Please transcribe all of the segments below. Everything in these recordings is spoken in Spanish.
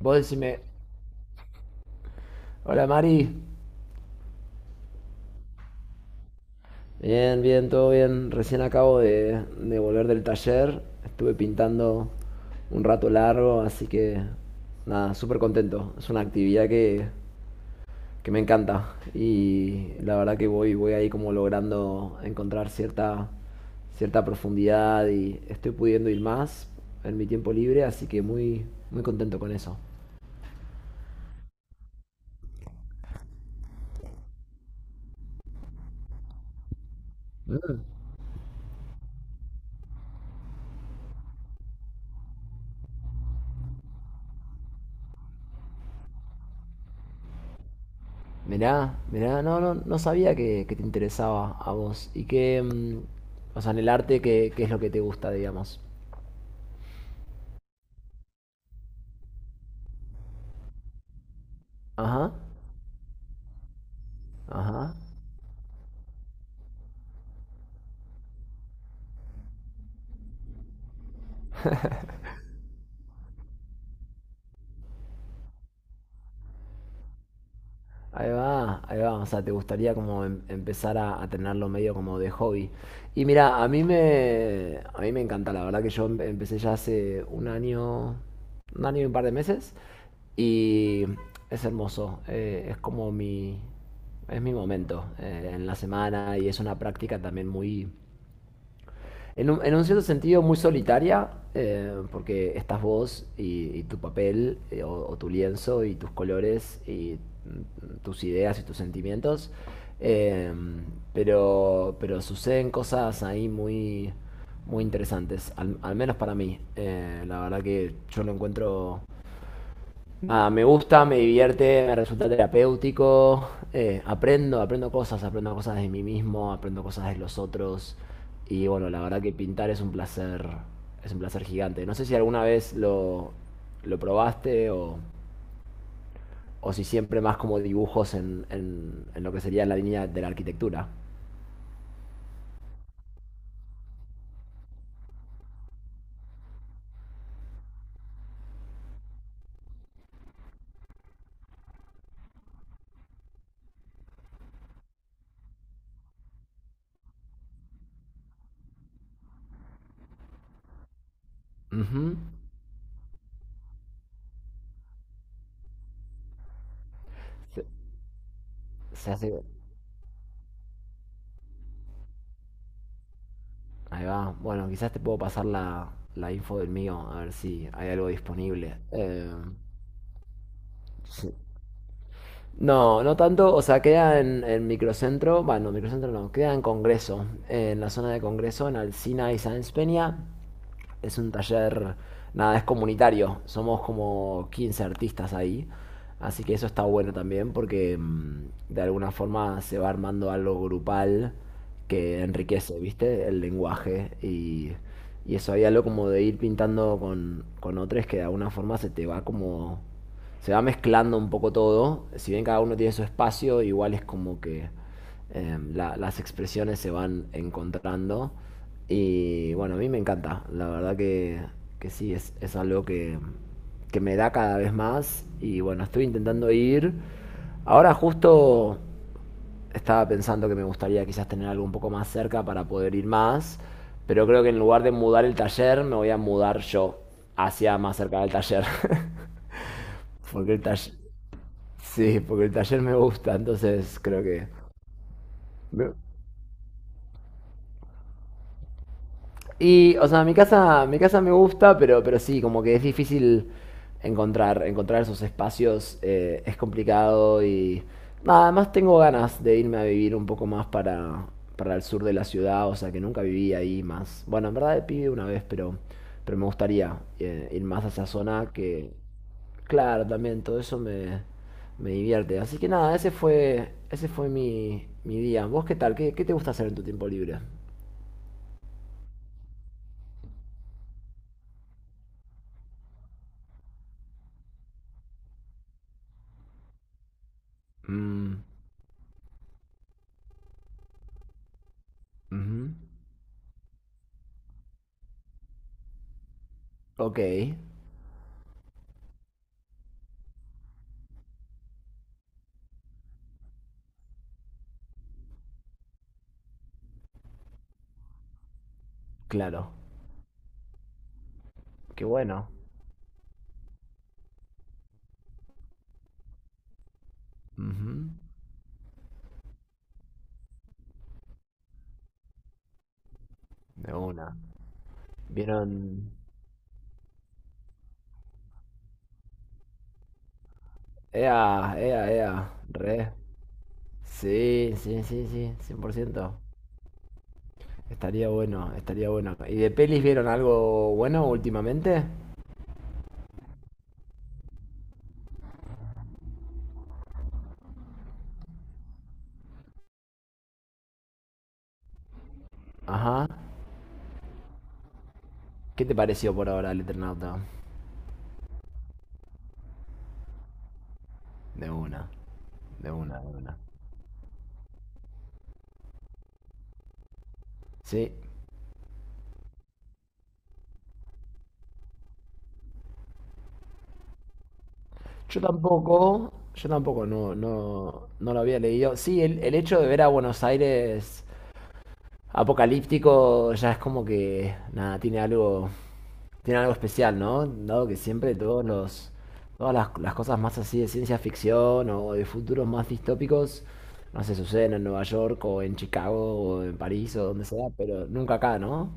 Vos decime, hola Mari, bien, bien, todo bien. Recién acabo de volver del taller, estuve pintando un rato largo, así que nada, súper contento. Es una actividad que me encanta y la verdad que voy ahí como logrando encontrar cierta profundidad y estoy pudiendo ir más en mi tiempo libre, así que muy, muy contento con eso. Mirá, mirá, no, no, no sabía que te interesaba a vos. Y que, o sea, en el arte, ¿qué es lo que te gusta, digamos? Ajá, ajá. Ahí va, ahí va. O sea, te gustaría como empezar a tenerlo medio como de hobby. Y mira, a mí me encanta. La verdad que yo empecé ya hace un año y un par de meses. Y es hermoso. Es mi momento en la semana y es una práctica también muy en un cierto sentido muy solitaria, porque estás vos y tu papel, o tu lienzo y tus colores y tus ideas y tus sentimientos. Eh, pero suceden cosas ahí muy, muy interesantes, al menos para mí. La verdad que yo lo encuentro. Nada, me gusta, me divierte, me resulta terapéutico, aprendo cosas, aprendo cosas de mí mismo, aprendo cosas de los otros y bueno, la verdad que pintar es un placer gigante. No sé si alguna vez lo probaste, o si siempre más como dibujos en lo que sería la línea de la arquitectura. Ujú. Se, se hace. Ahí va. Bueno, quizás te puedo pasar la info del mío, a ver si hay algo disponible. Sí. No, no tanto, o sea, queda en Microcentro, bueno, Microcentro no, queda en Congreso, en la zona de Congreso, en Alsina y Sáenz Peña. Es un taller, nada, es comunitario. Somos como 15 artistas ahí. Así que eso está bueno también porque de alguna forma se va armando algo grupal que enriquece, ¿viste? El lenguaje y eso, hay algo como de ir pintando con otros que de alguna forma se te va como. Se va mezclando un poco todo. Si bien cada uno tiene su espacio, igual es como que las expresiones se van encontrando. Y bueno, a mí me encanta, la verdad que sí, es algo que me da cada vez más. Y bueno, estoy intentando ir. Ahora justo estaba pensando que me gustaría quizás tener algo un poco más cerca para poder ir más, pero creo que en lugar de mudar el taller, me voy a mudar yo hacia más cerca del taller. Porque el taller. Sí, porque el taller me gusta, entonces creo que. Y, o sea, mi casa me gusta, pero sí, como que es difícil encontrar esos espacios, es complicado y nada, además tengo ganas de irme a vivir un poco más para el sur de la ciudad, o sea, que nunca viví ahí más. Bueno, en verdad pide una vez, pero me gustaría ir más a esa zona que, claro, también todo eso me divierte. Así que nada, ese fue mi día. ¿Vos qué tal? ¿Qué te gusta hacer en tu tiempo libre? Mm, ujú. Ok, claro. Qué bueno. Ujú. De una. Vieron. Ea, ea, ea. Re. Sí, sí, sí, sí, 100%. Estaría bueno, estaría bueno. ¿Y de pelis vieron algo bueno últimamente? Ajá. ¿Qué te pareció por ahora el Eternauta? De una, de una, de una. Sí. Yo tampoco, no, no, no lo había leído. Sí, el hecho de ver a Buenos Aires apocalíptico ya es como que, nada, tiene algo especial, ¿no? Dado que siempre todos los, todas las cosas más así de ciencia ficción o de futuros más distópicos, no sé, suceden en Nueva York o en Chicago o en París o donde sea, pero nunca acá, ¿no?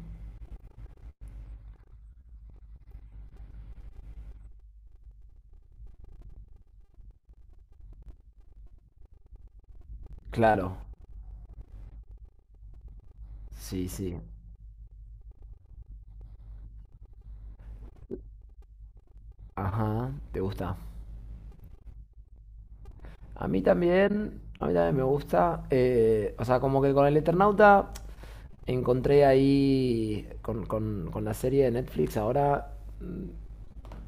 Claro, sí, sí. Ajá, te gusta. A mí también me gusta. O sea, como que con el Eternauta encontré ahí, con la serie de Netflix ahora,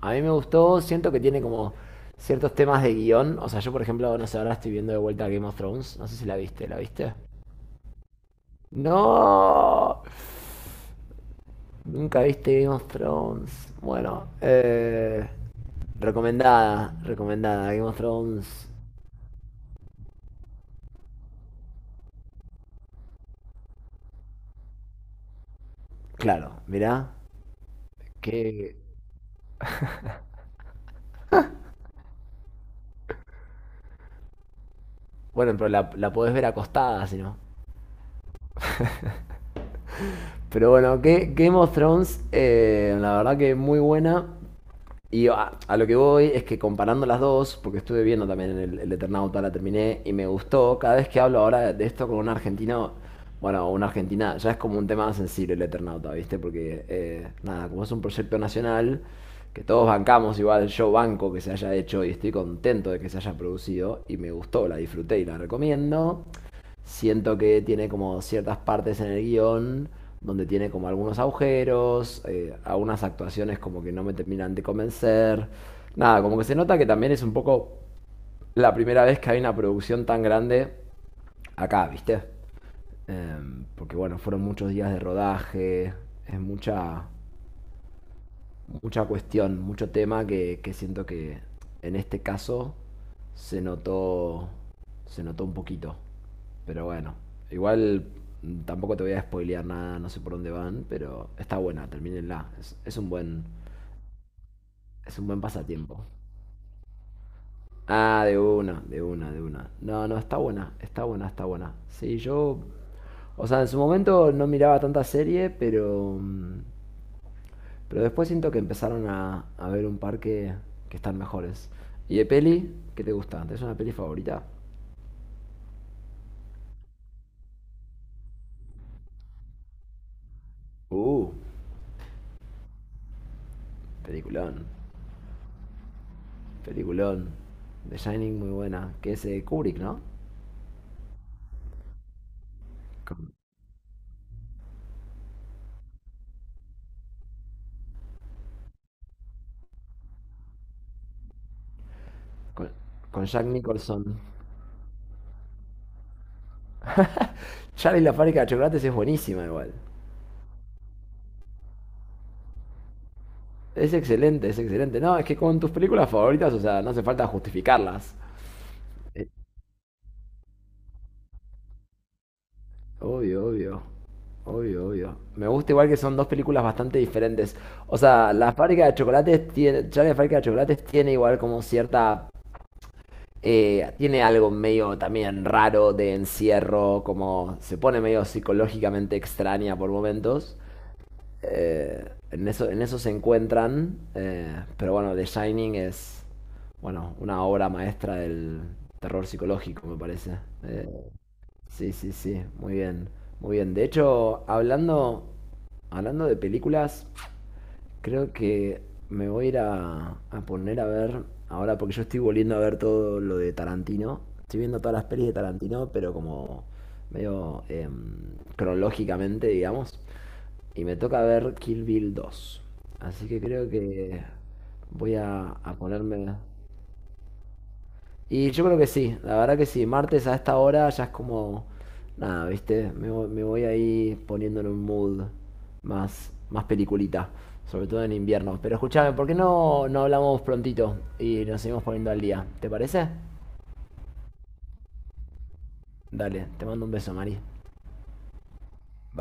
a mí me gustó, siento que tiene como ciertos temas de guión. O sea, yo por ejemplo, no sé, ahora estoy viendo de vuelta Game of Thrones. No sé si la viste, ¿la viste? No, nunca viste Game of Thrones. Bueno, recomendada, recomendada. Game of Thrones, claro, mirá. Que, bueno, pero la podés ver acostada, si no. Pero bueno, que Game of Thrones, la verdad que muy buena. Y a lo que voy es que comparando las dos, porque estuve viendo también el Eternauta, la terminé y me gustó, cada vez que hablo ahora de esto con un argentino, bueno, una argentina, ya es como un tema más sensible el Eternauta, ¿viste? Porque, nada, como es un proyecto nacional, que todos bancamos, igual yo banco que se haya hecho y estoy contento de que se haya producido y me gustó, la disfruté y la recomiendo. Siento que tiene como ciertas partes en el guión donde tiene como algunos agujeros, algunas actuaciones como que no me terminan de convencer. Nada, como que se nota que también es un poco la primera vez que hay una producción tan grande acá, ¿viste? Porque bueno, fueron muchos días de rodaje, es mucha cuestión, mucho tema que siento que en este caso se notó, se notó un poquito. Pero bueno, igual tampoco te voy a spoilear nada, no sé por dónde van, pero está buena, termínenla. Es un buen pasatiempo. Ah, de una, de una, de una. No, no, está buena, está buena, está buena. Sí, yo, o sea, en su momento no miraba tanta serie, pero después siento que empezaron a ver un par que están mejores. ¿Y de peli? ¿Qué te gusta? ¿Es una peli favorita? Uh, Peliculón, peliculón. The Shining muy buena, que es Kubrick, ¿no? Con, con- con Jack Nicholson. Charlie y la fábrica de chocolates es buenísima igual. Es excelente, es excelente. No, es que con tus películas favoritas, o sea, no hace falta justificarlas. Obvio, obvio. Obvio, obvio. Me gusta igual que son dos películas bastante diferentes. O sea, la fábrica de chocolates tiene, Charlie la fábrica de chocolates tiene igual como cierta, tiene algo medio también raro de encierro, como se pone medio psicológicamente extraña por momentos. Eh, en eso, en eso se encuentran, pero bueno, The Shining es, bueno, una obra maestra del terror psicológico, me parece. Eh, Sí, sí, sí, muy bien, muy bien. De hecho, hablando de películas, creo que me voy a ir a poner a ver ahora, porque yo estoy volviendo a ver todo lo de Tarantino. Estoy viendo todas las pelis de Tarantino, pero como medio cronológicamente, digamos. Y me toca ver Kill Bill dos. Así que creo que voy a ponerme. Y yo creo que sí, la verdad que sí. Martes a esta hora ya es como. Nada, ¿viste? Me voy ahí poniendo en un mood más, más peliculita, sobre todo en invierno. Pero escúchame, ¿por qué no hablamos prontito y nos seguimos poniendo al día? ¿Te parece? Dale, te mando un beso, Mari.